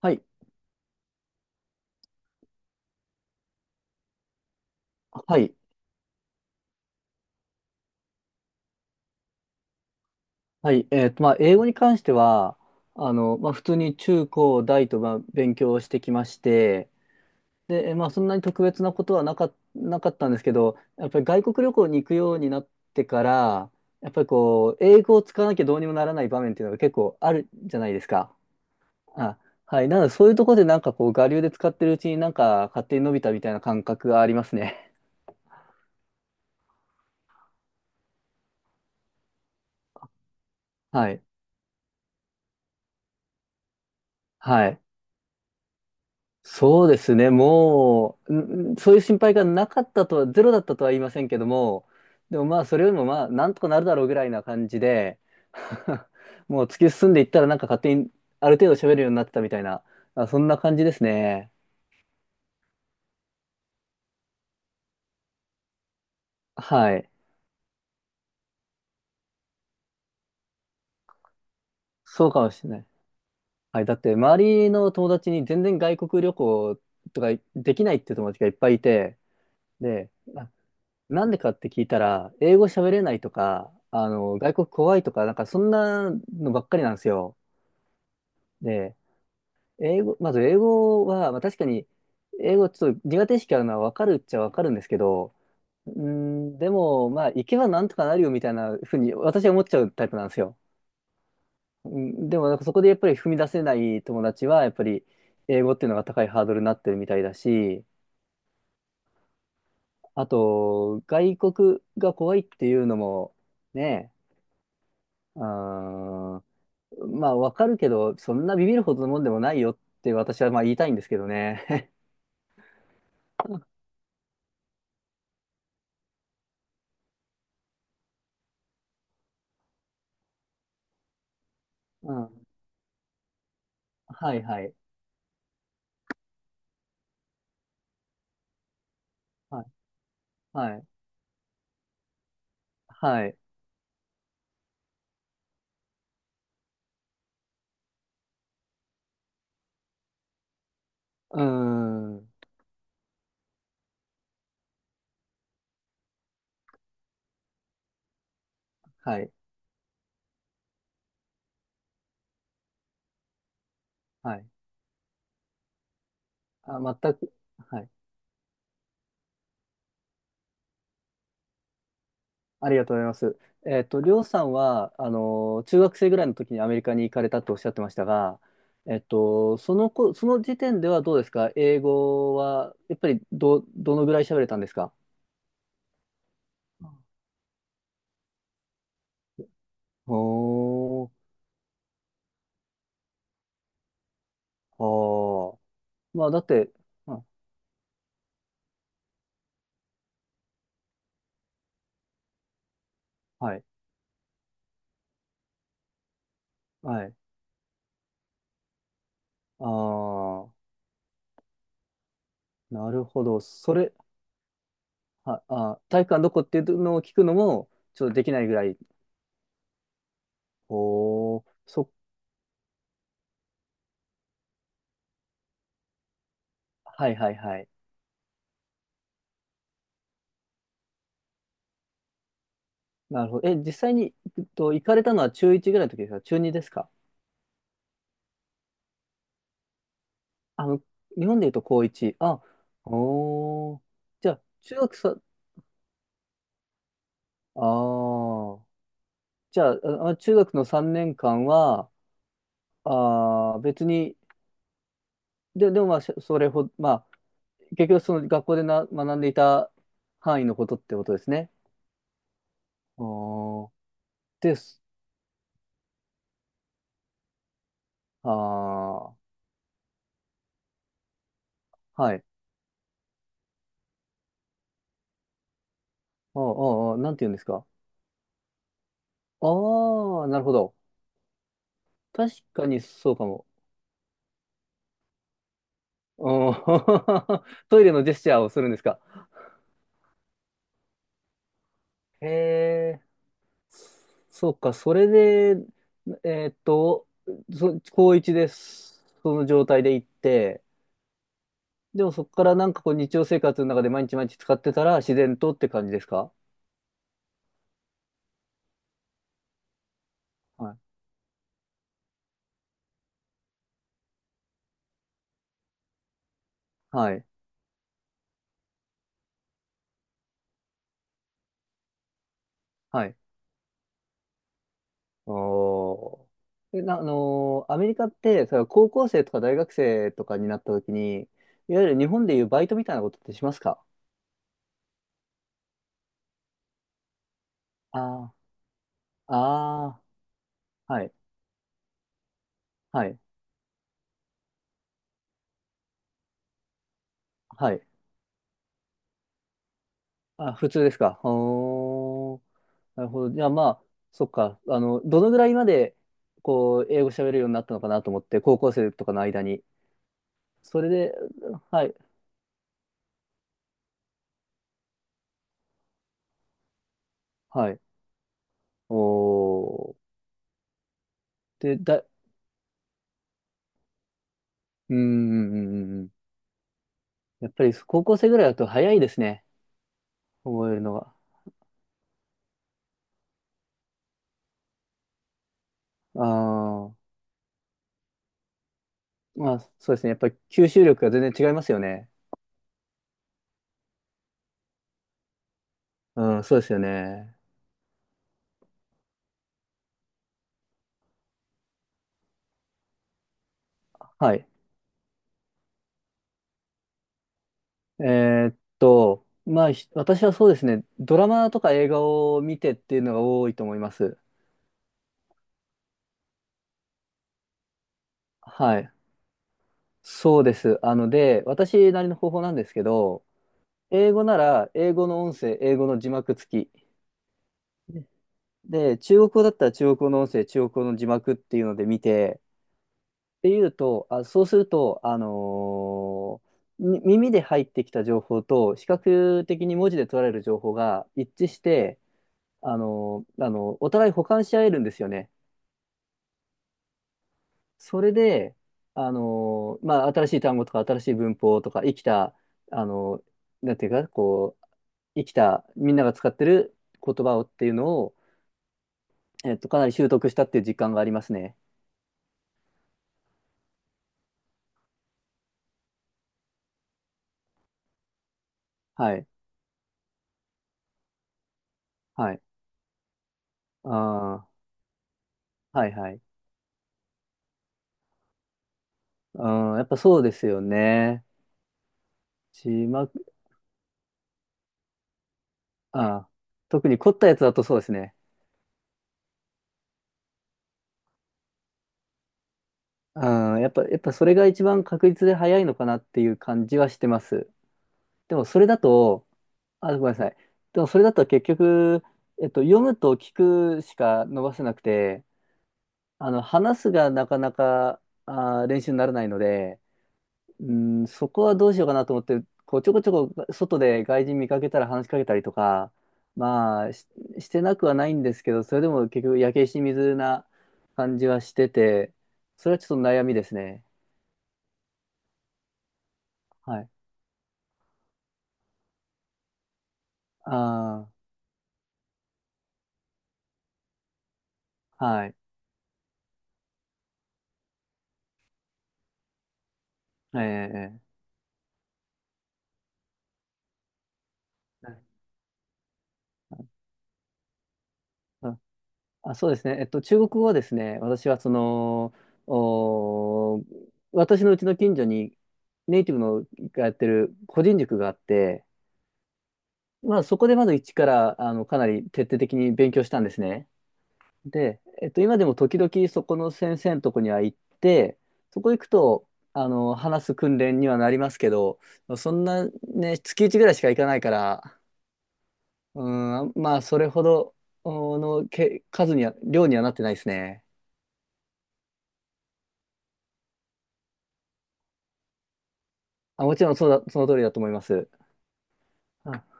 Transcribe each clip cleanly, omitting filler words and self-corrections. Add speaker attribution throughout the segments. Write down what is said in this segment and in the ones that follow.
Speaker 1: はい。はい。はい。まあ、英語に関しては、あの、まあ、普通に中高大と、まあ、勉強してきまして、で、まあ、そんなに特別なことはなかったんですけど、やっぱり外国旅行に行くようになってから、やっぱりこう、英語を使わなきゃどうにもならない場面っていうのが結構あるじゃないですか。あ、はい。なので、そういうところでなんかこう、我流で使ってるうちになんか勝手に伸びたみたいな感覚がありますね。はい。はい。そうですね、もう、そういう心配がなかったとは、ゼロだったとは言いませんけども、でもまあ、それよりもまあ、なんとかなるだろうぐらいな感じで、もう突き進んでいったら、なんか勝手にある程度喋るようになってたみたいな、あ、そんな感じですね。はい。そうかもしれない。はい。だって、周りの友達に全然外国旅行とかできないっていう友達がいっぱいいて、で、なんでかって聞いたら、英語喋れないとか、あの、外国怖いとか、なんかそんなのばっかりなんですよ。で、英語、まず英語は、まあ確かに、英語ちょっと苦手意識あるのはわかるっちゃわかるんですけど、うーん、でも、まあ、行けばなんとかなるよみたいなふうに私は思っちゃうタイプなんですよ。うん、でも、なんかそこでやっぱり踏み出せない友達は、やっぱり英語っていうのが高いハードルになってるみたいだし、あと、外国が怖いっていうのも、ね、うん、まあ、わかるけど、そんなビビるほどのもんでもないよって私はまあ言いたいんですけどね。うん。はいはい。はい。はい。はい。うーん。はい。はい。あ、全く。はい。ありがとうございます。りょうさんは、あの、中学生ぐらいの時にアメリカに行かれたとおっしゃってましたが、そのこ、その時点ではどうですか、英語は、やっぱりどのぐらい喋れたんですか？うん。おー、あー。まあ、だって、うん。はい。はい。ああ、なるほど。は、あ、体育館どこっていうのを聞くのも、ちょっとできないぐらい。おー、はいはいはい。なるほど。え、実際に、行かれたのは中1ぐらいの時ですか、中2ですか？あの、日本で言うと高1。あ、おー。じゃあ、中学さ、あー。じゃあ、ああ中学の3年間は、あー、別に、で、でもまあ、それほど、まあ、結局その学校で学んでいた範囲のことってことですね。あーです。ああ、はい。あーあー、ああなんて言うんですか。ああ、なるほど。確かにそうかも。あー トイレのジェスチャーをするんですか？へえ、そうか。それで、えーっと、高一です。その状態で行って、でもそこからなんかこう日常生活の中で毎日毎日使ってたら自然とって感じですか？はい。はい。はい。おー。え、アメリカって、それは高校生とか大学生とかになった時に、いわゆる日本でいうバイトみたいなことってしますか？ああ、ああ、はい、はい、はい。あ、普通ですか。おー、なるほど。じゃあまあ、そっか。あの、どのぐらいまで、こう、英語喋れるようになったのかなと思って、高校生とかの間に。それで、はい、はい。おー。で、だ、うん、うん、うん、うん。やっぱり高校生ぐらいだと早いですね、覚えるのが。ああ、まあそうですね。やっぱり吸収力が全然違いますよね。うん、そうですよね。はい。えまあ私はそうですね、ドラマとか映画を見てっていうのが多いと思います。はい。そうです。あので、私なりの方法なんですけど、英語なら英語の音声、英語の字幕付き。で、中国語だったら中国語の音声、中国語の字幕っていうので見て、っていうと、あ、そうすると、耳で入ってきた情報と、視覚的に文字で取られる情報が一致して、あのーあのお互い補完し合えるんですよね。それで、まあ、新しい単語とか、新しい文法とか、生きた、あのーなんていうか、こう、生きた、みんなが使ってる言葉をっていうのを、かなり習得したっていう実感がありますね。はい。はい。ああ、はいはい。うん、やっぱそうですよね。字幕、あ、特に凝ったやつだとそうですね。うん、やっぱ、やっぱそれが一番確実で早いのかなっていう感じはしてます。でもそれだと、あ、ごめんなさい。でもそれだと結局、読むと聞くしか伸ばせなくて、あの、話すがなかなか、あー、練習にならないので、うん、そこはどうしようかなと思って、こうちょこちょこ外で外人見かけたら話しかけたりとか、まあ、してなくはないんですけど、それでも結局焼け石に水な感じはしてて、それはちょっと悩みですね。はい。ああ、はい。ええ。あ、そうですね。中国語はですね、私はその、おー、私のうちの近所にネイティブのがやってる個人塾があって、まあ、そこでまず一から、あの、かなり徹底的に勉強したんですね。で、今でも時々そこの先生のとこには行って、そこ行くと、あの、話す訓練にはなりますけど、そんなね、月いちぐらいしか行かないから、うん、まあ、それほどおのけ数には、量にはなってないですね。あ、もちろんそうだ、その通りだと思います。あ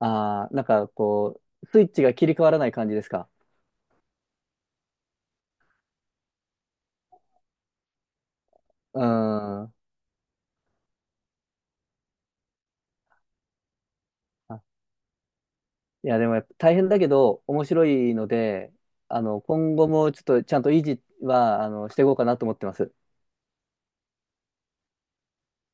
Speaker 1: あー、なんかこう、スイッチが切り替わらない感じですか？うん。あいや、でもやっぱ大変だけど、面白いので、あの、今後もちょっとちゃんと維持は、あの、していこうかなと思ってます。